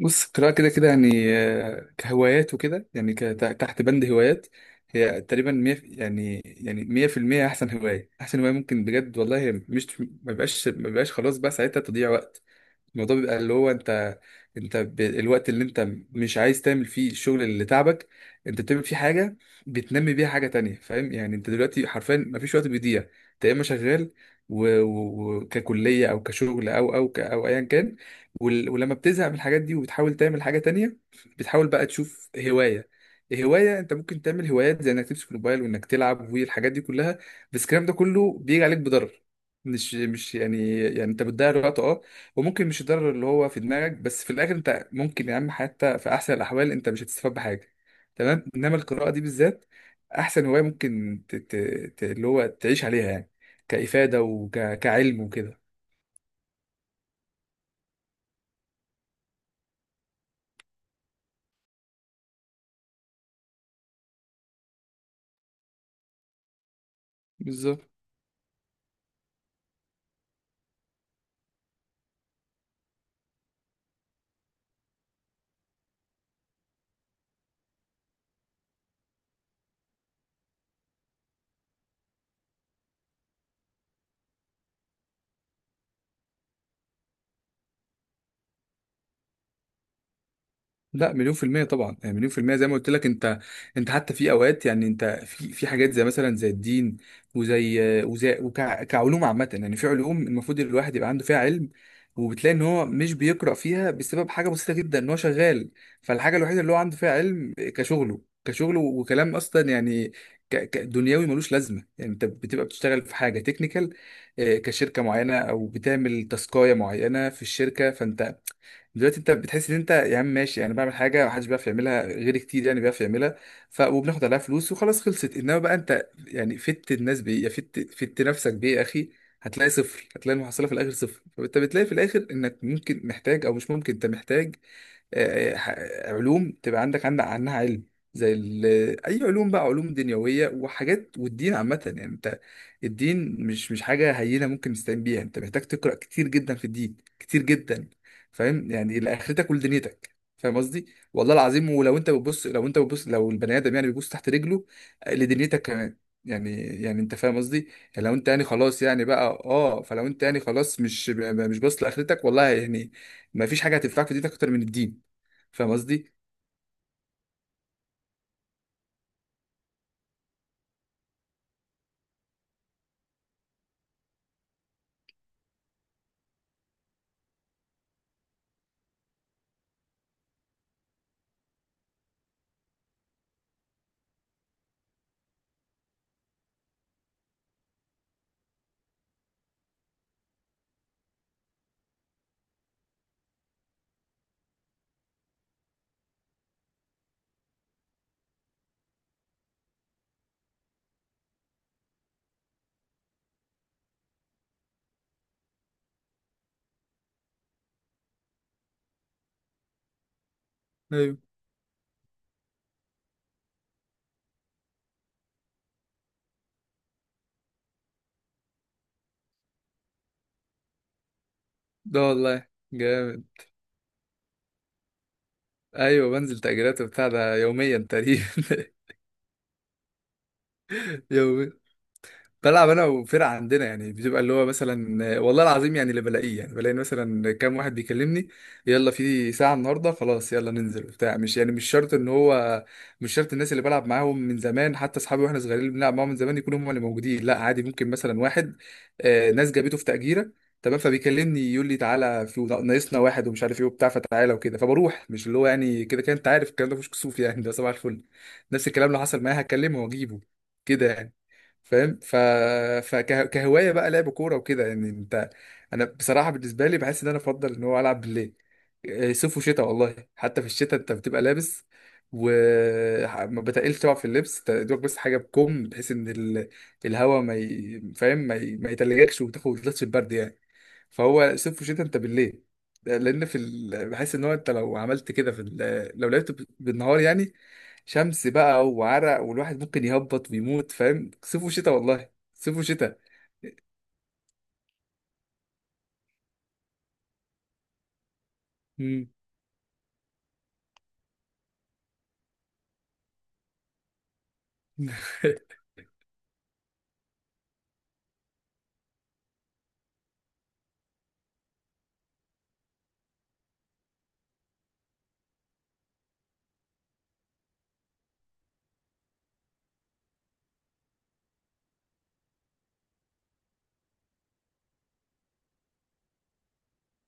بص، القراءة كده كده يعني، كهوايات وكده، يعني تحت بند هوايات. هي تقريبا 100% أحسن هواية، أحسن هواية ممكن بجد والله. هي مش، ما بيبقاش خلاص بقى ساعتها تضييع وقت. الموضوع بيبقى اللي هو انت، الوقت اللي انت مش عايز تعمل فيه الشغل اللي تعبك، انت بتعمل فيه حاجه بتنمي بيها حاجه تانية. فاهم يعني؟ انت دلوقتي حرفيا مفيش وقت بيضيع. انت يا اما شغال ككليه او كشغل او او ايا كان، ولما بتزهق من الحاجات دي وبتحاول تعمل حاجه تانية، بتحاول بقى تشوف هوايه. هواية انت ممكن تعمل، هوايات زي انك تمسك الموبايل وانك تلعب والحاجات دي كلها، بس الكلام ده كله بيجي عليك بضرر. مش مش يعني يعني انت بتضيع الوقت، اه. وممكن مش الضرر اللي هو في دماغك بس، في الاخر انت ممكن يا عم حتى في احسن الاحوال انت مش هتستفاد بحاجه. تمام؟ انما القراءه دي بالذات احسن هوايه ممكن اللي هو تعيش عليها يعني، كافاده وكعلم وكده. بالظبط. لا، 1000000% طبعا، يعني 1000000% زي ما قلت لك. انت انت حتى في اوقات يعني انت، في في حاجات زي مثلا زي الدين، وزي وكعلوم عامة، يعني في علوم المفروض الواحد يبقى عنده فيها علم، وبتلاقي ان هو مش بيقرأ فيها بسبب حاجة بسيطة جدا، ان هو شغال. فالحاجة الوحيدة اللي هو عنده فيها علم كشغله، كشغله وكلام اصلا يعني، دنيوي ملوش لازمة. يعني انت بتبقى بتشتغل في حاجة تكنيكال كشركة معينة، او بتعمل تاسكاية معينة في الشركة، فانت دلوقتي انت بتحس ان انت يا عم ماشي، يعني بعمل حاجه محدش بيعرف يعملها غير كتير يعني بيعرف يعملها، ف وبناخد عليها فلوس وخلاص خلصت. انما بقى انت يعني فت الناس بايه يا، فت نفسك بايه يا اخي؟ هتلاقي صفر، هتلاقي المحصله في الاخر صفر. فانت بتلاقي في الاخر انك ممكن محتاج، او مش ممكن، انت محتاج آه، ح- علوم تبقى عندك عنها علم، زي ال- اي علوم بقى، علوم دنيويه وحاجات، والدين عامه. يعني انت الدين مش حاجه هينه ممكن تستعين بيها، انت محتاج تقرا كتير جدا في الدين، كتير جدا. فاهم يعني؟ لاخرتك ولدنيتك. فاهم قصدي؟ والله العظيم، ولو انت بتبص لو انت بتبص لو البني ادم يعني بيبص تحت رجله، آه، لدنيتك كمان يعني. يعني انت فاهم قصدي. يعني لو انت يعني خلاص يعني بقى، اه، فلو انت يعني خلاص مش، باصص لاخرتك، والله يعني ما فيش حاجه هتنفعك في دنيتك اكتر من الدين. فاهم قصدي؟ ايوه. ده والله جامد. ايوه، بنزل تأجيرات وبتاع ده يوميا تقريبا. يوميا. بلعب انا وفرقه عندنا، يعني بتبقى اللي هو مثلا، آه، والله العظيم، يعني اللي بلاقيه، يعني بلاقي مثلا كام واحد بيكلمني، يلا في ساعه النهارده خلاص يلا ننزل وبتاع. مش يعني مش شرط ان هو، مش شرط الناس اللي بلعب معاهم من زمان، حتى اصحابي واحنا صغيرين اللي بنلعب معاهم من زمان، يكونوا هم اللي موجودين. لا، عادي، ممكن مثلا واحد، ناس جابته في تأجيرة، تمام، فبيكلمني يقول لي تعالى، في ناقصنا واحد ومش عارف ايه وبتاع، فتعالى وكده، فبروح. مش اللي هو يعني، كده كده انت عارف الكلام ده مش كسوف يعني، ده صباح الفل. نفس الكلام لو حصل معايا هكلمه واجيبه، كده يعني. فاهم؟ فكهوايه بقى لعب كوره وكده، يعني انت، انا بصراحه بالنسبه لي بحس ان انا افضل ان هو العب بالليل. إيه، صيف وشتاء والله. حتى في الشتاء انت بتبقى لابس، وما بتقلش طبعا في اللبس، انت دوك بس حاجه بكم، بحيث ان الهواء ما فاهم، ما يتلجكش وتاخد لطش البرد يعني. فهو صيف وشتاء انت بالليل، لان في بحس ان هو انت لو عملت كده في لو لعبت بالنهار يعني، شمس بقى وعرق، والواحد ممكن يهبط ويموت. فاهم؟ صيف وشتاء والله، صيف وشتاء. مم.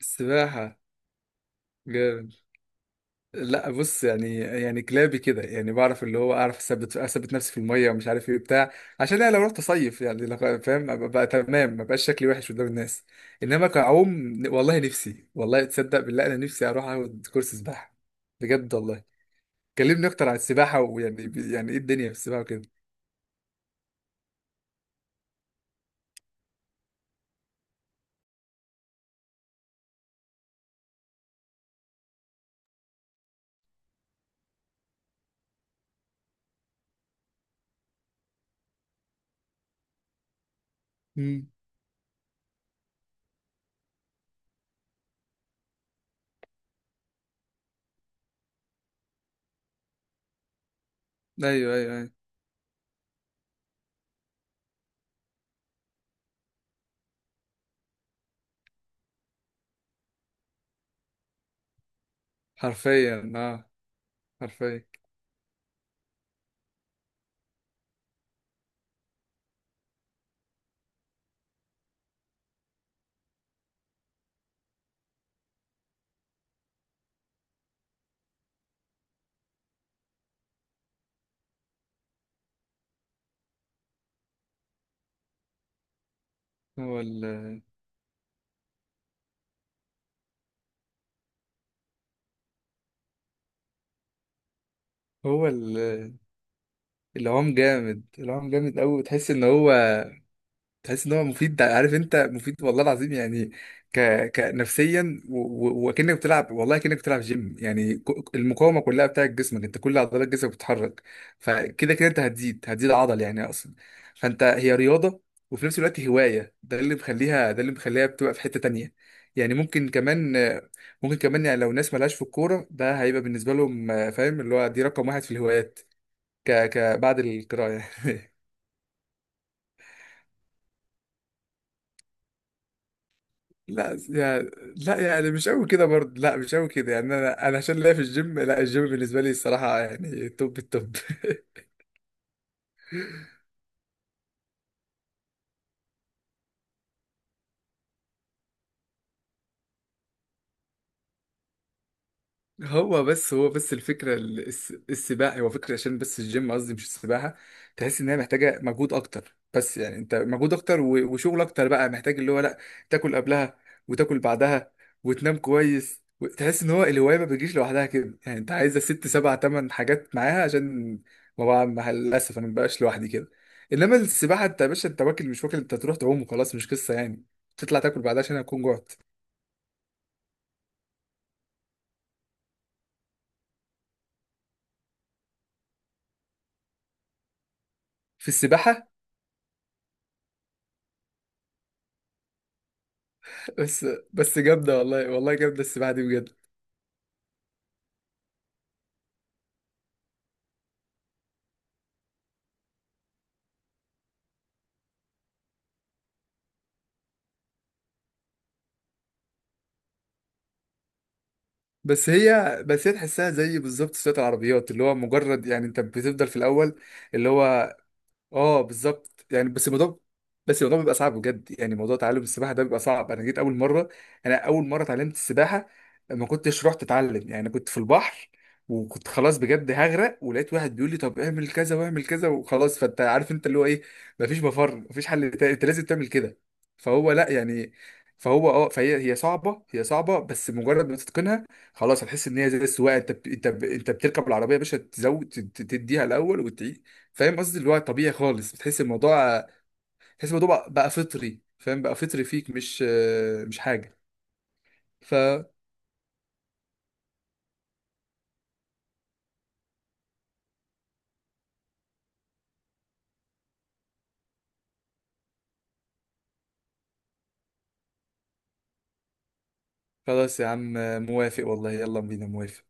السباحة، جامد. لا بص، يعني يعني كلابي كده يعني، بعرف اللي هو، اعرف اثبت نفسي في الميه ومش عارف ايه بتاع عشان انا لو رحت اصيف يعني لو، فاهم ابقى بقى تمام، ما بقاش شكلي وحش قدام الناس. انما كعوم، والله نفسي، والله تصدق بالله انا نفسي اروح اخد كورس سباحه، بجد والله. كلمني اكتر عن السباحه، ويعني يعني ايه الدنيا في السباحه وكده؟ مم. ايوه ايوه ايوه. حرفيا اه. حرفيا. هو ال هو العوم جامد، العوم جامد قوي. تحس ان هو، تحس ان هو مفيد ده، عارف؟ انت مفيد والله العظيم يعني، ك... كنفسيا، وكانك بتلعب، والله كانك بتلعب جيم يعني، المقاومه كلها بتاعت جسمك، انت كل عضلات جسمك بتتحرك. فكده كده انت هتزيد عضل يعني اصلا. فانت، هي رياضه وفي نفس الوقت هوايه. ده اللي مخليها، بتبقى في حته تانية. يعني ممكن كمان، يعني لو ناس ملهاش في الكوره، ده هيبقى بالنسبه لهم فاهم اللي هو، دي رقم واحد في الهوايات، بعد القراءه يعني. لا يعني، مش قوي كده برضه، لا مش قوي كده يعني. انا عشان ليا في الجيم، لا الجيم بالنسبه لي الصراحه يعني توب التوب. هو بس الفكره، السباحه، هو فكره عشان بس الجيم قصدي مش السباحه. تحس ان هي محتاجه مجهود اكتر، بس يعني انت مجهود اكتر وشغل اكتر بقى محتاج اللي هو، لا، تاكل قبلها وتاكل بعدها وتنام كويس. تحس ان هو الهوايه ما بتجيش لوحدها كده، يعني انت عايزه ست سبع تمن حاجات معاها عشان، ما بقى مع للاسف انا ما بقاش لوحدي كده. انما السباحه انت يا باشا، انت واكل مش واكل، انت تروح تعوم وخلاص، مش قصه يعني. تطلع تاكل بعدها عشان هتكون جوعت. في السباحه. بس بس جامدة، والله والله جامدة السباحة دي بجد. بس هي تحسها زي بالظبط سواقة العربيات، اللي هو مجرد يعني انت بتفضل في الأول، اللي هو، اه بالظبط يعني. بس الموضوع بيبقى صعب بجد، يعني موضوع تعلم السباحه ده بيبقى صعب. انا جيت اول مره، انا اول مره اتعلمت السباحه ما كنتش رحت اتعلم يعني، كنت في البحر وكنت خلاص بجد هغرق، ولقيت واحد بيقول لي طب اعمل كذا واعمل كذا وخلاص، فانت عارف انت اللي هو ايه، مفيش مفر، مفيش حل تاني انت لازم تعمل كده. فهو لا يعني، فهو اه فهي هي صعبه بس مجرد ما تتقنها خلاص، هتحس ان هي زي السواقه. انت انت بتركب العربيه يا باشا، تزود تديها الاول. فاهم قصدي؟ اللي هو طبيعي خالص، بتحس الموضوع، تحس الموضوع بقى فطري، فاهم؟ بقى فطري فيك، مش، حاجة. ف، خلاص يا عم، موافق والله، يلا بينا، موافق.